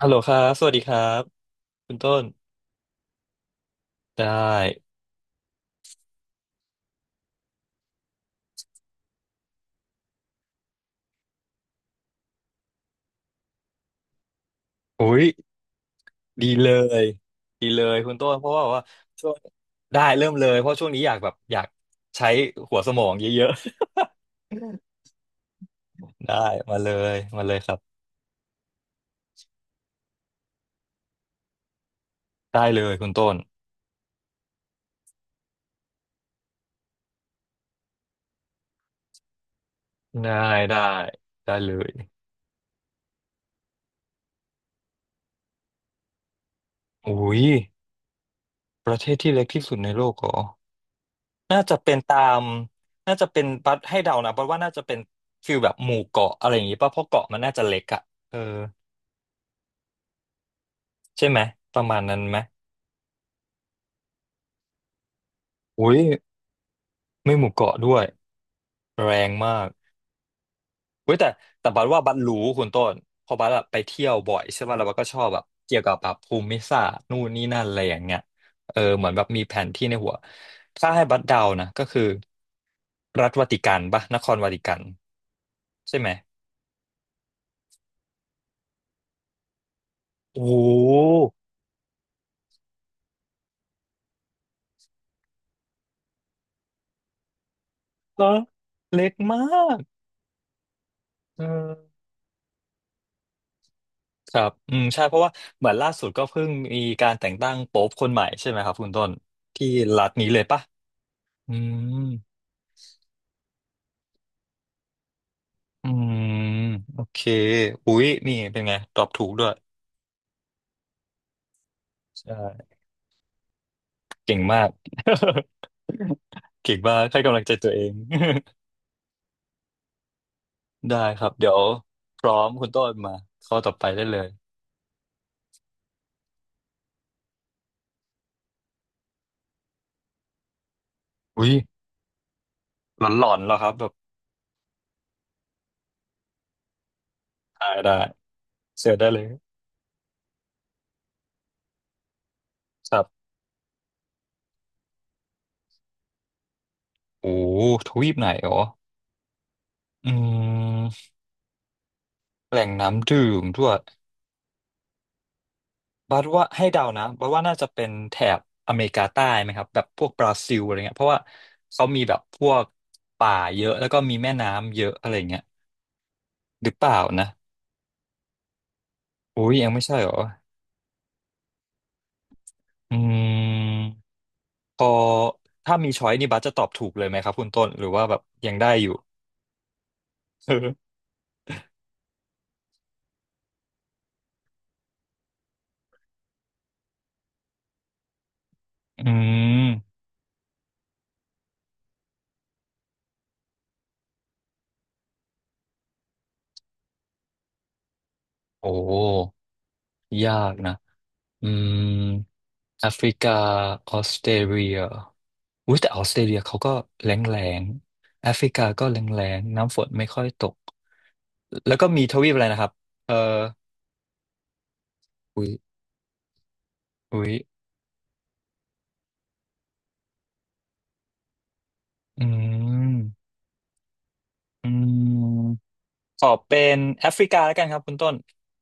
ฮัลโหลครับสวัสดีครับคุณต้นได้อุ้ยดีเลยดีเลยคุณต้นเพราะว่าแบบว่าช่วงได้เริ่มเลยเพราะช่วงนี้อยากแบบอยากใช้หัวสมองเยอะๆ ได้มาเลยมาเลยครับได้เลยคุณต้นได้ได้ได้เลยอุ้ยประเทศที่เล็กที่สุดในโลกเหรอน่าจะเป็นตามน่าจะเป็นบัดให้เดานะบัดว่าน่าจะเป็นฟิลแบบหมู่เกาะอะไรอย่างงี้ป่ะเพราะเกาะมันน่าจะเล็กอะเออใช่ไหมประมาณนั้นไหมอุ้ย ไม่หมู่เกาะด้วยแรงมากเว้ยแต่บัดว่าบัดรู้คุณต้นเพอบัดอะไปเที่ยวบ่อยใช่ป่ะแล้วบัดก็ชอบแบบเกี่ยวกับแบบภูมิศาสตร์นู่นนี่นั่นอะไรอย่างเงี้ยเออเหมือนแบบมีแผนที่ในหัวถ้าให้บัดเดานะก็คือรัฐวาติกันป่ะนครวาติกันใช่ไหมโอ้โหเหรอเล็กมากเออครับอืมใช่เพราะว่าเหมือนล่าสุดก็เพิ่งมีการแต่งตั้งโป๊ปคนใหม่ใช่ไหมครับคุณต้นที่รัฐนี้เลยปะอืม อืมโอเคอุ๊ยนี่เป็นไงตอบถูกด้วยใช่เก่งมาก เก่งมากให้กำลังใจตัวเอง ได้ครับเดี๋ยวพร้อมคุณต้นมาข้อต่อไปได้เลยอุ๊ยหลอนๆเหรอครับแบบได้เสิร์ชได้เลยครับโอ้ทวีปไหนอ๋ออืมแหล่งน้ำดื่มด้วย บัดว่าให้เดานะบัดว่าน่าจะเป็นแถบอเมริกาใต้ไหมครับแบบพวกบราซิลอะไรเงี้ยเพราะว่าเขามีแบบพวกป่าเยอะแล้วก็มีแม่น้ำเยอะอะไรเงี้ยหรือเปล่านะอุ้ยยังไม่ใช่เหรออืมพอถ้ามีช้อยนี่บัสจะตอบถูกเลยไหมครับคุณต้นหรือว่าแบบยังได้อยู่ อืมโอ้ยากนะ อืมแอฟริกาออสเตรเลียอุ้ยแต่ออสเตรเลียเขาก็แล้งแล้งแอฟริกาก็แล้งแล้งน้ำฝนไม่ค่อยตกแล้วก็มีทวีปอะไรนะครับเอออุ้ยอุ้ยอืมอืมขอเป็นแอฟริกาแล้วกันครับคุณต้น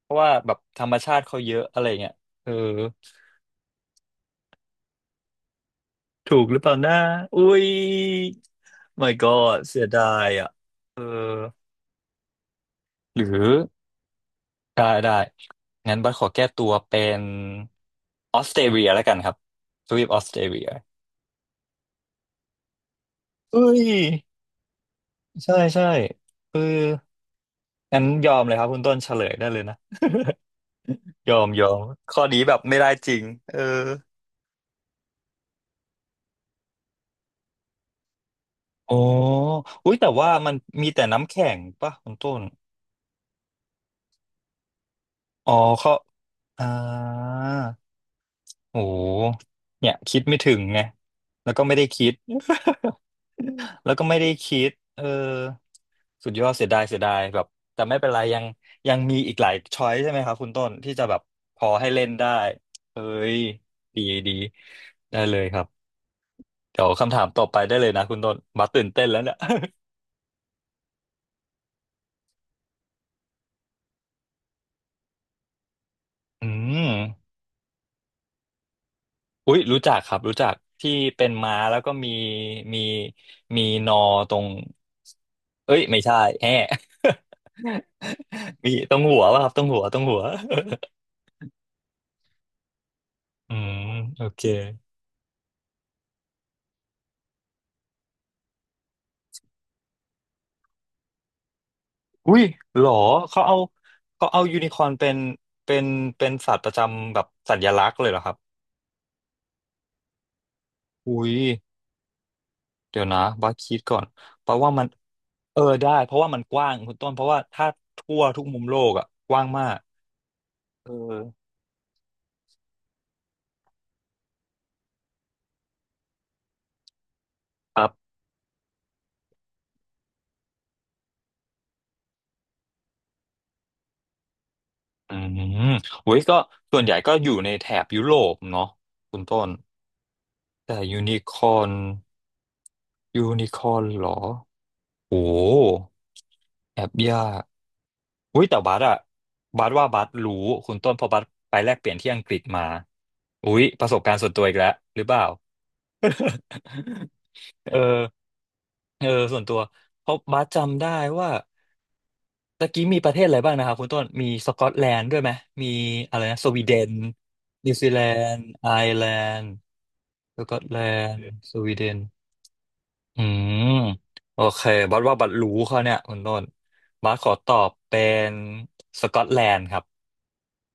เพราะว่าแบบธรรมชาติเขาเยอะอะไรเงี้ยเออถูกหรือเปล่านะอุ้ย my god เสียดายอ่ะเออหรือ ได้ งั้นบัสขอแก้ตัวเป็นออสเตรเลียแล้วกันครับทวีปออสเตรเลียเอ้ยใช่ใช่เอองั้นยอมเลยครับคุณต้นเฉลยได้เลยนะยอมยอมข้อนี้แบบไม่ได้จริงเอออ๋ออุ้ยแต่ว่ามันมีแต่น้ำแข็งป่ะคุณต้นอ๋อเขาอ่า โอ้โหเนี่ยคิดไม่ถึงไงแล้วก็ไม่ได้คิด แล้วก็ไม่ได้คิดเออสุดยอดเสียดายเสียดายแบบ แต่ไม่เป็นไรยังยังมีอีกหลายช้อยใช่ไหมครับคุณต้นที่จะแบบพอให้เล่นได้เอ้ยดีดีได้เลยครับเดี๋ยวคำถามต่อไปได้เลยนะคุณต้นมาตื่นเต้นแล้วเนี่ย อืมอุ๊ยรู้จักครับรู้จักที่เป็นม้าแล้วก็มีมีนอตรงเอ้ยไม่ใช่แฮะ มีตรงหัวป่ะครับตรงหัวตรงหัวอืมโอเคอุ้ยหรอเขาเอาเขาเอายูนิคอร์นเป็นเป็นสัตว์ประจำแบบสัญลักษณ์เลยเหรอครับอุ้ยเดี๋ยวนะบัสคิดก่อนเพราะว่ามันเออได้เพราะว่ามันกว้างคุณต้นเพราะว่าถ้าทั่วทุกมุมโลกอ่ะกว้างมากเออครับอืมอุ้ยก็ส่วนใหญ่ก็อยู่ในแถบยุโรปเนาะคุณต้นแต่ยูนิคอร์นยูนิคอร์นเหรอ โอ้แอบยากอุ้ยแต่บัสอะบัสว่าบัสรู้คุณต้นเพอบัสไปแลกเปลี่ยนที่อังกฤษมาอุ้ยประสบการณ์ส่วนตัวอีกแล้วหรือเปล่า เออเออส่วนตัวเพราะบัสจำได้ว่าตะกี้มีประเทศอะไรบ้างนะครับคุณต้นมีสกอตแลนด์ด้วยไหมมีอะไรนะสวีเดนนิวซีแลนด์ไอร์แลนด์สกอตแลนด์สวีเดน อืมโอเคบัสว่าบัสรู้เขาเนี่ยคุณต้นบัสขอตอบเป็นสกอตแลนด์ครับ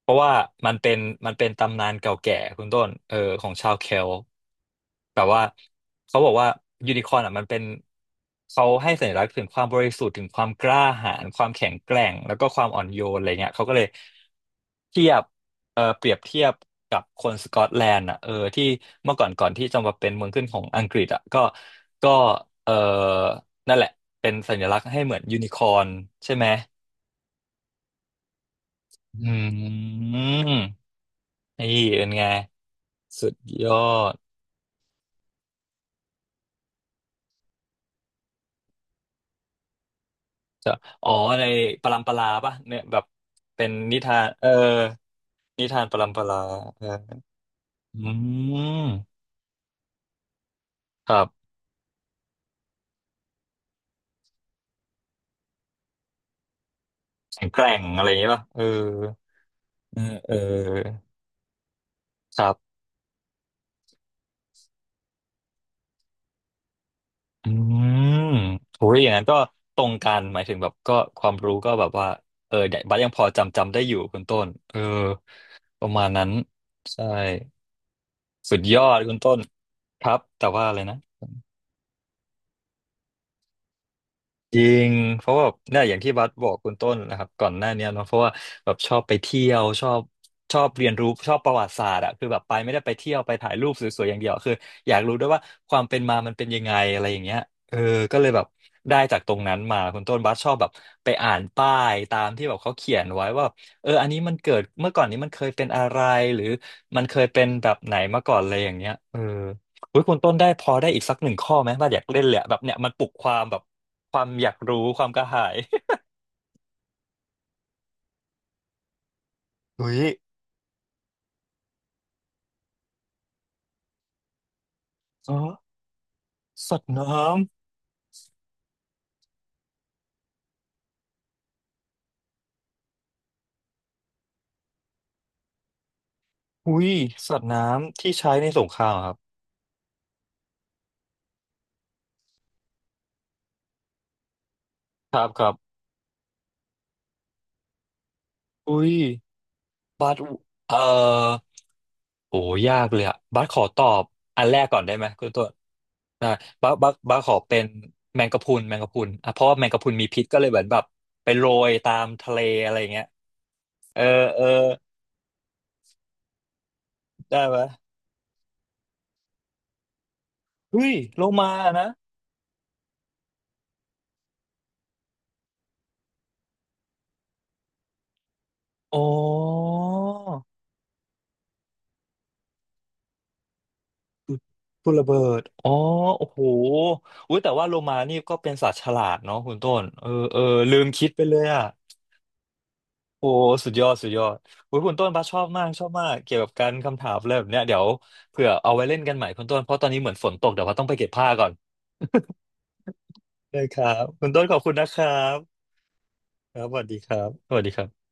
เพราะว่ามันเป็นมันเป็นตำนานเก่าแก่คุณต้นเออของชาวเคลต์แบบว่าเขาบอกว่ายูนิคอร์นอ่ะมันเป็นเขาให้สัญลักษณ์ถึงความบริสุทธิ์ถึงความกล้าหาญความแข็งแกร่งแล้วก็ความอ่อนโยนอะไรเงี้ยเขาก็เลยเทียบเออเปรียบเทียบกับคนสกอตแลนด์อ่ะเออที่เมื่อก่อนก่อนที่จะมาเป็นเมืองขึ้นของอังกฤษอ่ะก็ก็เออนั่นแหละเป็นสัญลักษณ์ให้เหมือนยูนิคอร์นใช่ไหมอืมนี่เป็นไง สุดยอดจะอ๋อในปรัมปราป่ะเนี่ยแบบเป็นนิทานนิทานปรัมปราเอออืมครับแข็งแกร่งอะไรอย่างเงี้ยป่ะเออเออเออครับอืมโหอย่างนั้นก็ตรงกันหมายถึงแบบก็ความรู้ก็แบบว่าเดี๋ยวบัดยังพอจำได้อยู่คุณต้นเออประมาณนั้นใช่สุดยอดคุณต้นครับแต่ว่าอะไรนะ จริงเพราะว่าแบบเนี่ยอย่างที่บัสบอกคุณต้นนะครับก่อนหน้าเนี้ยเนาะเพราะว่าแบบชอบไปเที่ยวชอบเรียนรู้ชอบประวัติศาสตร์อะคือแบบไปไม่ได้ไปเที่ยวไปถ่ายรูปสวยๆอย่างเดียวคืออยากรู้ด้วยว่าความเป็นมามันเป็นยังไงอะไรอย่างเงี้ยเออก็เลยแบบได้จากตรงนั้นมาคุณต้นบัสชอบแบบไปอ่านป้ายตามที่แบบเขาเขียนไว้ว่าเอออันนี้มันเกิดเมื่อก่อนนี้มันเคยเป็นอะไรหรือมันเคยเป็นแบบไหนมาก่อนอะไรอย่างเงี้ยเออ เฮ้ยคุณต้นได้พอได้อีกสักหนึ่งข้อไหมว่าอยากเล่นเลยอะแบบเนี้ยมันปลุกความแบบความอยากรู้ความกระหาย เฮ้ยอ๋อสัตว์น้ำอุ้ยสัตว์น้ำที่ใช้ในสงครามครับครับครับอุ้ยบัสเอ่อโอ้ยากเลยอะบัสขอตอบอันแรกก่อนได้ไหมคุณต้นได้บัสขอเป็นแมงกะพรุนแมงกะพรุนอ่ะเพราะว่าแมงกะพรุนมีพิษก็เลยเหมือนแบบไปโรยตามทะเลอะไรอย่างเงี้ยเออเออได้ไหมเฮ้ยโลมานะ อ๋อคือุลระเบิดอ๋อโอ้โหอุ้ยแต่ว่าโลมานี่ก็เป็นสัตว์ฉลาดเนาะคุณต้นเออเออลืมคิดไปเลยอ่ะโอ้สุดยอดสุดยอดโอุ้ยคุณต้นบ้าสชอบมากชอบมากเกี่ยวกับการคำถามอะไรแบบเนี้ยเดี๋ยวเผื่อเอาไว้เล่นกันใหม่คุณต้นเพราะตอนนี้เหมือนฝนตกเดี๋ยวว่าต้องไปเก็บผ้าก่อนได้ครับคุณต้นขอบคุณนะครับครับสวัสดีครับสวัสดีครับ